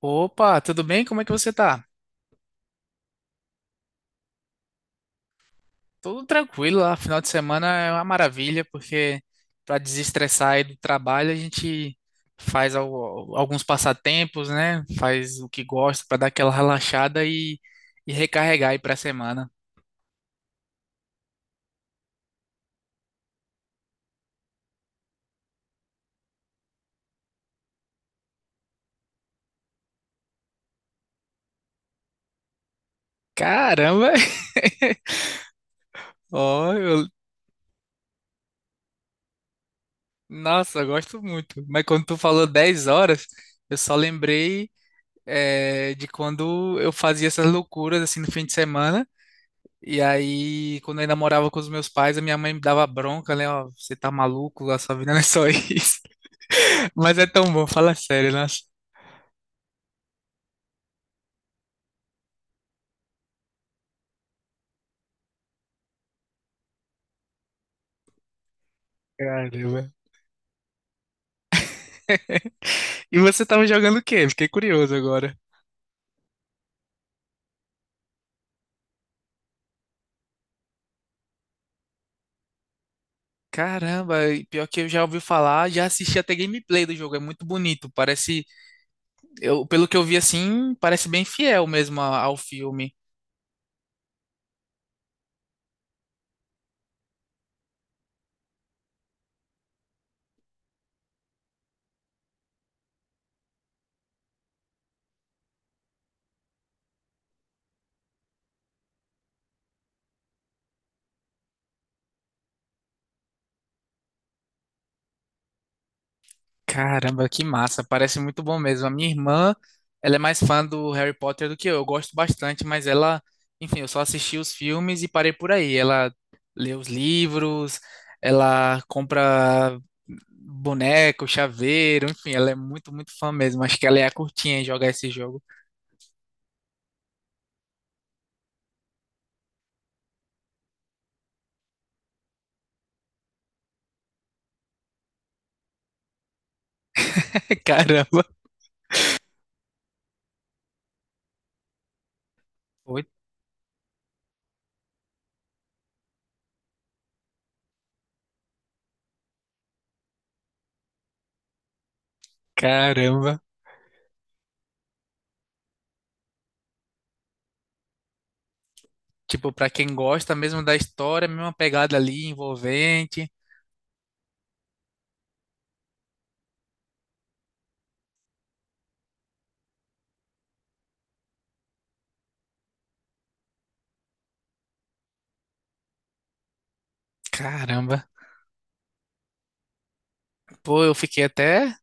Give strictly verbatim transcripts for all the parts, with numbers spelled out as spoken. Opa, tudo bem? Como é que você tá? Tudo tranquilo lá. Final de semana é uma maravilha, porque para desestressar aí do trabalho, a gente faz al- alguns passatempos, né? Faz o que gosta para dar aquela relaxada e, e recarregar aí pra semana. Caramba! Ó, eu- nossa, eu gosto muito. Mas quando tu falou dez horas, eu só lembrei, eh, de quando eu fazia essas loucuras assim no fim de semana. E aí, quando eu ainda morava com os meus pais, a minha mãe me dava bronca, né? Ó, você tá maluco, a sua vida não é só isso. Mas é tão bom, fala sério, nossa. Caramba. E você tava jogando o quê? Fiquei curioso agora. Caramba, e pior que eu já ouvi falar, já assisti até gameplay do jogo, é muito bonito. Parece, eu, pelo que eu vi assim, parece bem fiel mesmo a- ao filme. Caramba, que massa, parece muito bom mesmo. A minha irmã, ela é mais fã do Harry Potter do que eu. Eu gosto bastante, mas ela, enfim, eu só assisti os filmes e parei por aí. Ela lê os livros, ela compra boneco, chaveiro, enfim, ela é muito, muito fã mesmo. Acho que ela é a curtinha em jogar esse jogo. Caramba. Oi, caramba. Tipo, pra quem gosta mesmo da história, mesma pegada ali envolvente. Caramba. Pô, eu fiquei até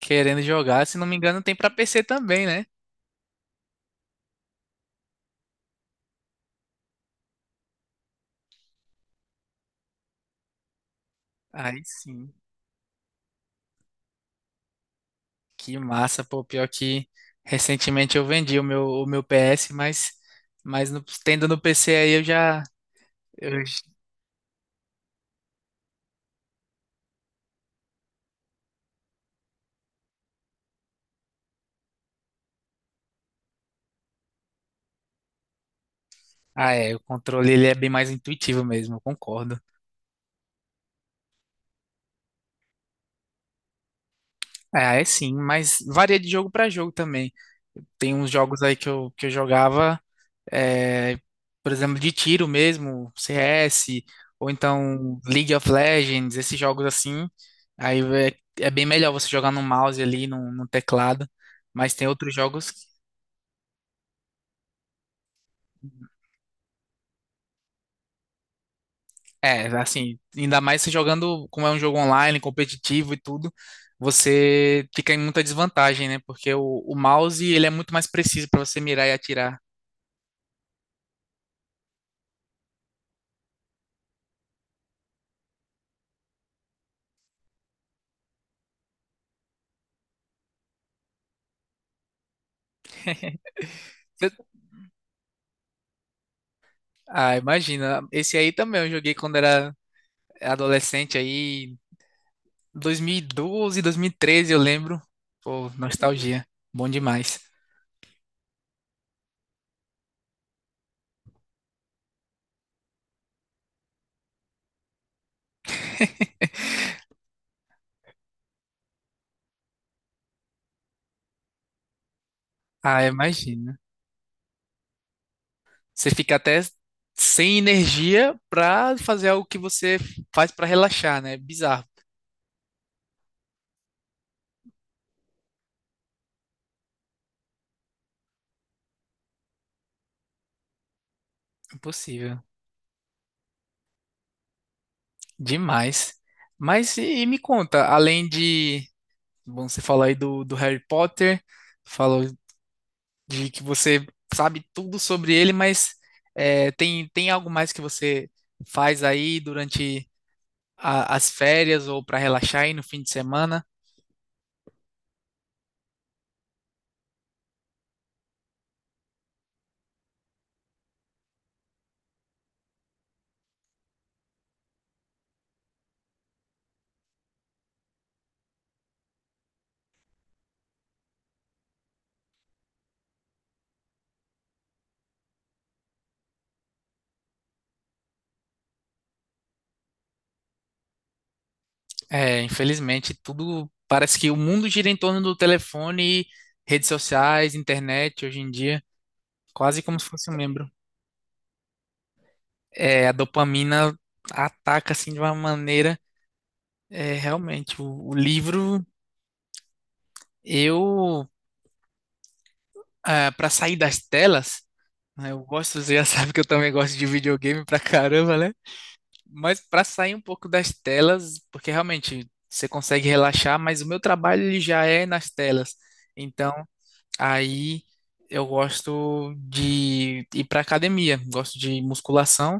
querendo jogar. Se não me engano, tem pra P C também, né? Aí sim. Que massa, pô. Pior que recentemente eu vendi o meu, o meu P S, mas, mas no- tendo no P C aí eu já. eu- ah, é. O controle ele é bem mais intuitivo mesmo, eu concordo. É, é sim, mas varia de jogo pra jogo também. Tem uns jogos aí que eu, que eu jogava. É, por exemplo, de tiro mesmo, C S, ou então League of Legends, esses jogos assim. Aí é, é bem melhor você jogar no mouse ali, no, no teclado. Mas tem outros jogos. É, assim, ainda mais você jogando, como é um jogo online, competitivo e tudo, você fica em muita desvantagem, né? Porque o, o mouse, ele é muito mais preciso para você mirar e atirar. Eu- Ah, imagina. Esse aí também eu joguei quando era adolescente aí, dois mil e doze, dois mil e treze, eu lembro. Pô, nostalgia. Bom demais. Ah, imagina. Você fica até sem energia pra fazer algo que você faz pra relaxar, né? Bizarro. Impossível. Demais. Mas e, e me conta, além de. Bom, você falou aí do, do Harry Potter, falou de que você sabe tudo sobre ele, mas é, tem, tem algo mais que você faz aí durante a- as férias ou para relaxar aí no fim de semana? É, infelizmente, tudo parece que o mundo gira em torno do telefone, redes sociais, internet hoje em dia, quase como se fosse um membro. É, a dopamina ataca assim de uma maneira, é, realmente. O, o livro, eu, para sair das telas, né, eu gosto, você já sabe que eu também gosto de videogame pra caramba, né? Mas para sair um pouco das telas, porque realmente você consegue relaxar, mas o meu trabalho ele já é nas telas. Então, aí eu gosto de ir para academia, gosto de musculação,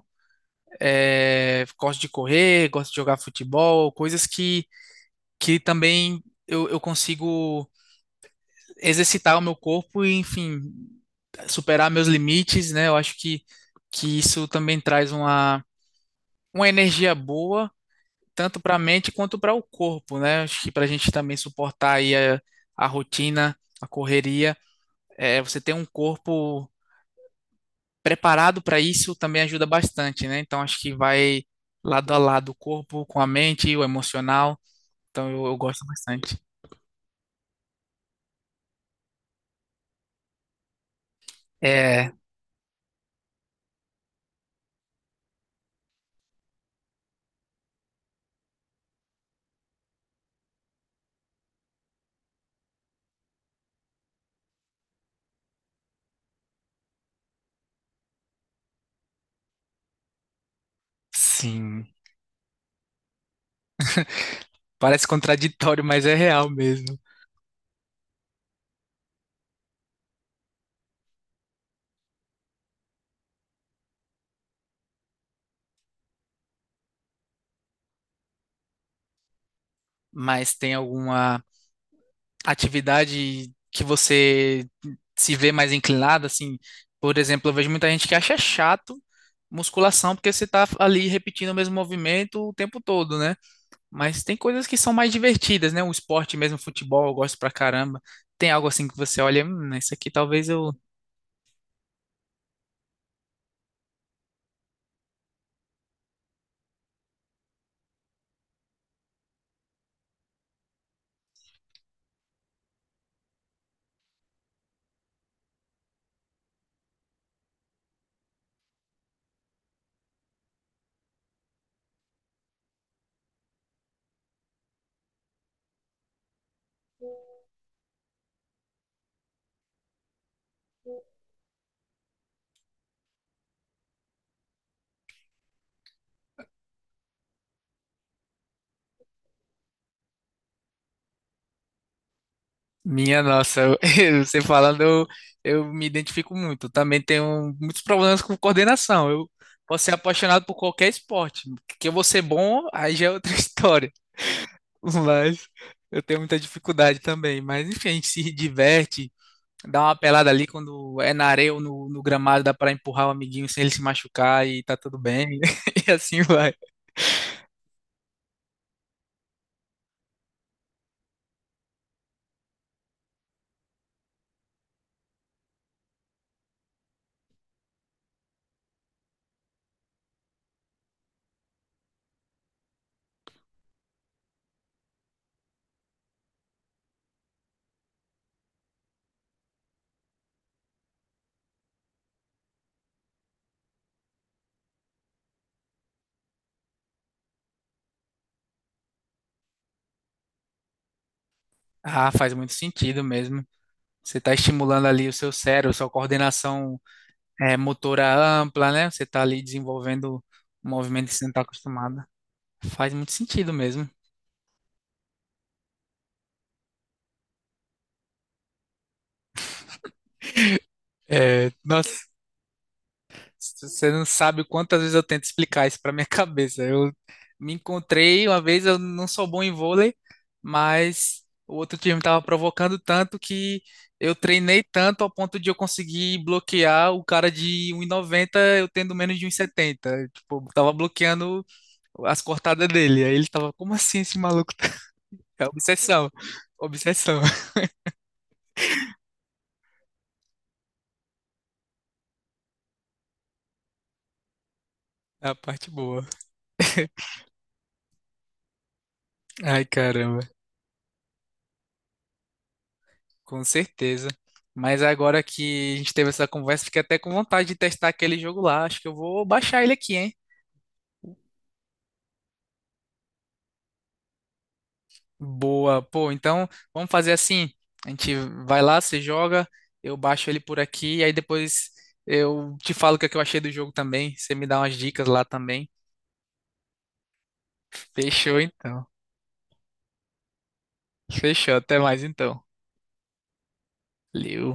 eh, gosto de correr, gosto de jogar futebol, coisas que, que também eu, eu consigo exercitar o meu corpo e, enfim, superar meus limites, né? Eu acho que, que isso também traz uma, uma energia boa, tanto para a mente quanto para o corpo, né? Acho que para a gente também suportar aí a, a rotina, a correria, é, você ter um corpo preparado para isso também ajuda bastante, né? Então acho que vai lado a lado o corpo com a mente, o emocional. Então eu, eu gosto bastante. É, sim. Parece contraditório, mas é real mesmo. Mas tem alguma atividade que você se vê mais inclinado, assim? Por exemplo, eu vejo muita gente que acha chato musculação porque você tá ali repetindo o mesmo movimento o tempo todo, né? Mas tem coisas que são mais divertidas, né? O esporte mesmo, futebol, eu gosto pra caramba. Tem algo assim que você olha, hum, isso aqui talvez eu. Minha nossa, eu- você falando, eu, eu me identifico muito. Também tenho muitos problemas com coordenação. Eu posso ser apaixonado por qualquer esporte. Que eu vou ser bom, aí já é outra história. Mas eu tenho muita dificuldade também. Mas enfim, a gente se diverte, dá uma pelada ali quando é na areia ou no, no gramado, dá pra empurrar o amiguinho sem ele se machucar e tá tudo bem. E assim vai. Ah, faz muito sentido mesmo. Você está estimulando ali o seu cérebro, sua coordenação é, motora ampla, né? Você está ali desenvolvendo um movimento que você não está acostumado. Faz muito sentido mesmo. É, nossa, você não sabe quantas vezes eu tento explicar isso para minha cabeça. Eu me encontrei uma vez, eu não sou bom em vôlei, mas o outro time estava provocando tanto que eu treinei tanto ao ponto de eu conseguir bloquear o cara de um vírgula noventa, eu tendo menos de um vírgula setenta. Tipo, eu tava bloqueando as cortadas dele. Aí ele tava, como assim esse maluco? É obsessão, obsessão. É a parte boa. Ai, caramba. Com certeza. Mas agora que a gente teve essa conversa, fiquei até com vontade de testar aquele jogo lá. Acho que eu vou baixar ele aqui, hein? Boa. Pô, então vamos fazer assim. A gente vai lá, você joga, eu baixo ele por aqui, e aí depois eu te falo o que é que eu achei do jogo também. Você me dá umas dicas lá também. Fechou então. Fechou. Até mais então. Valeu.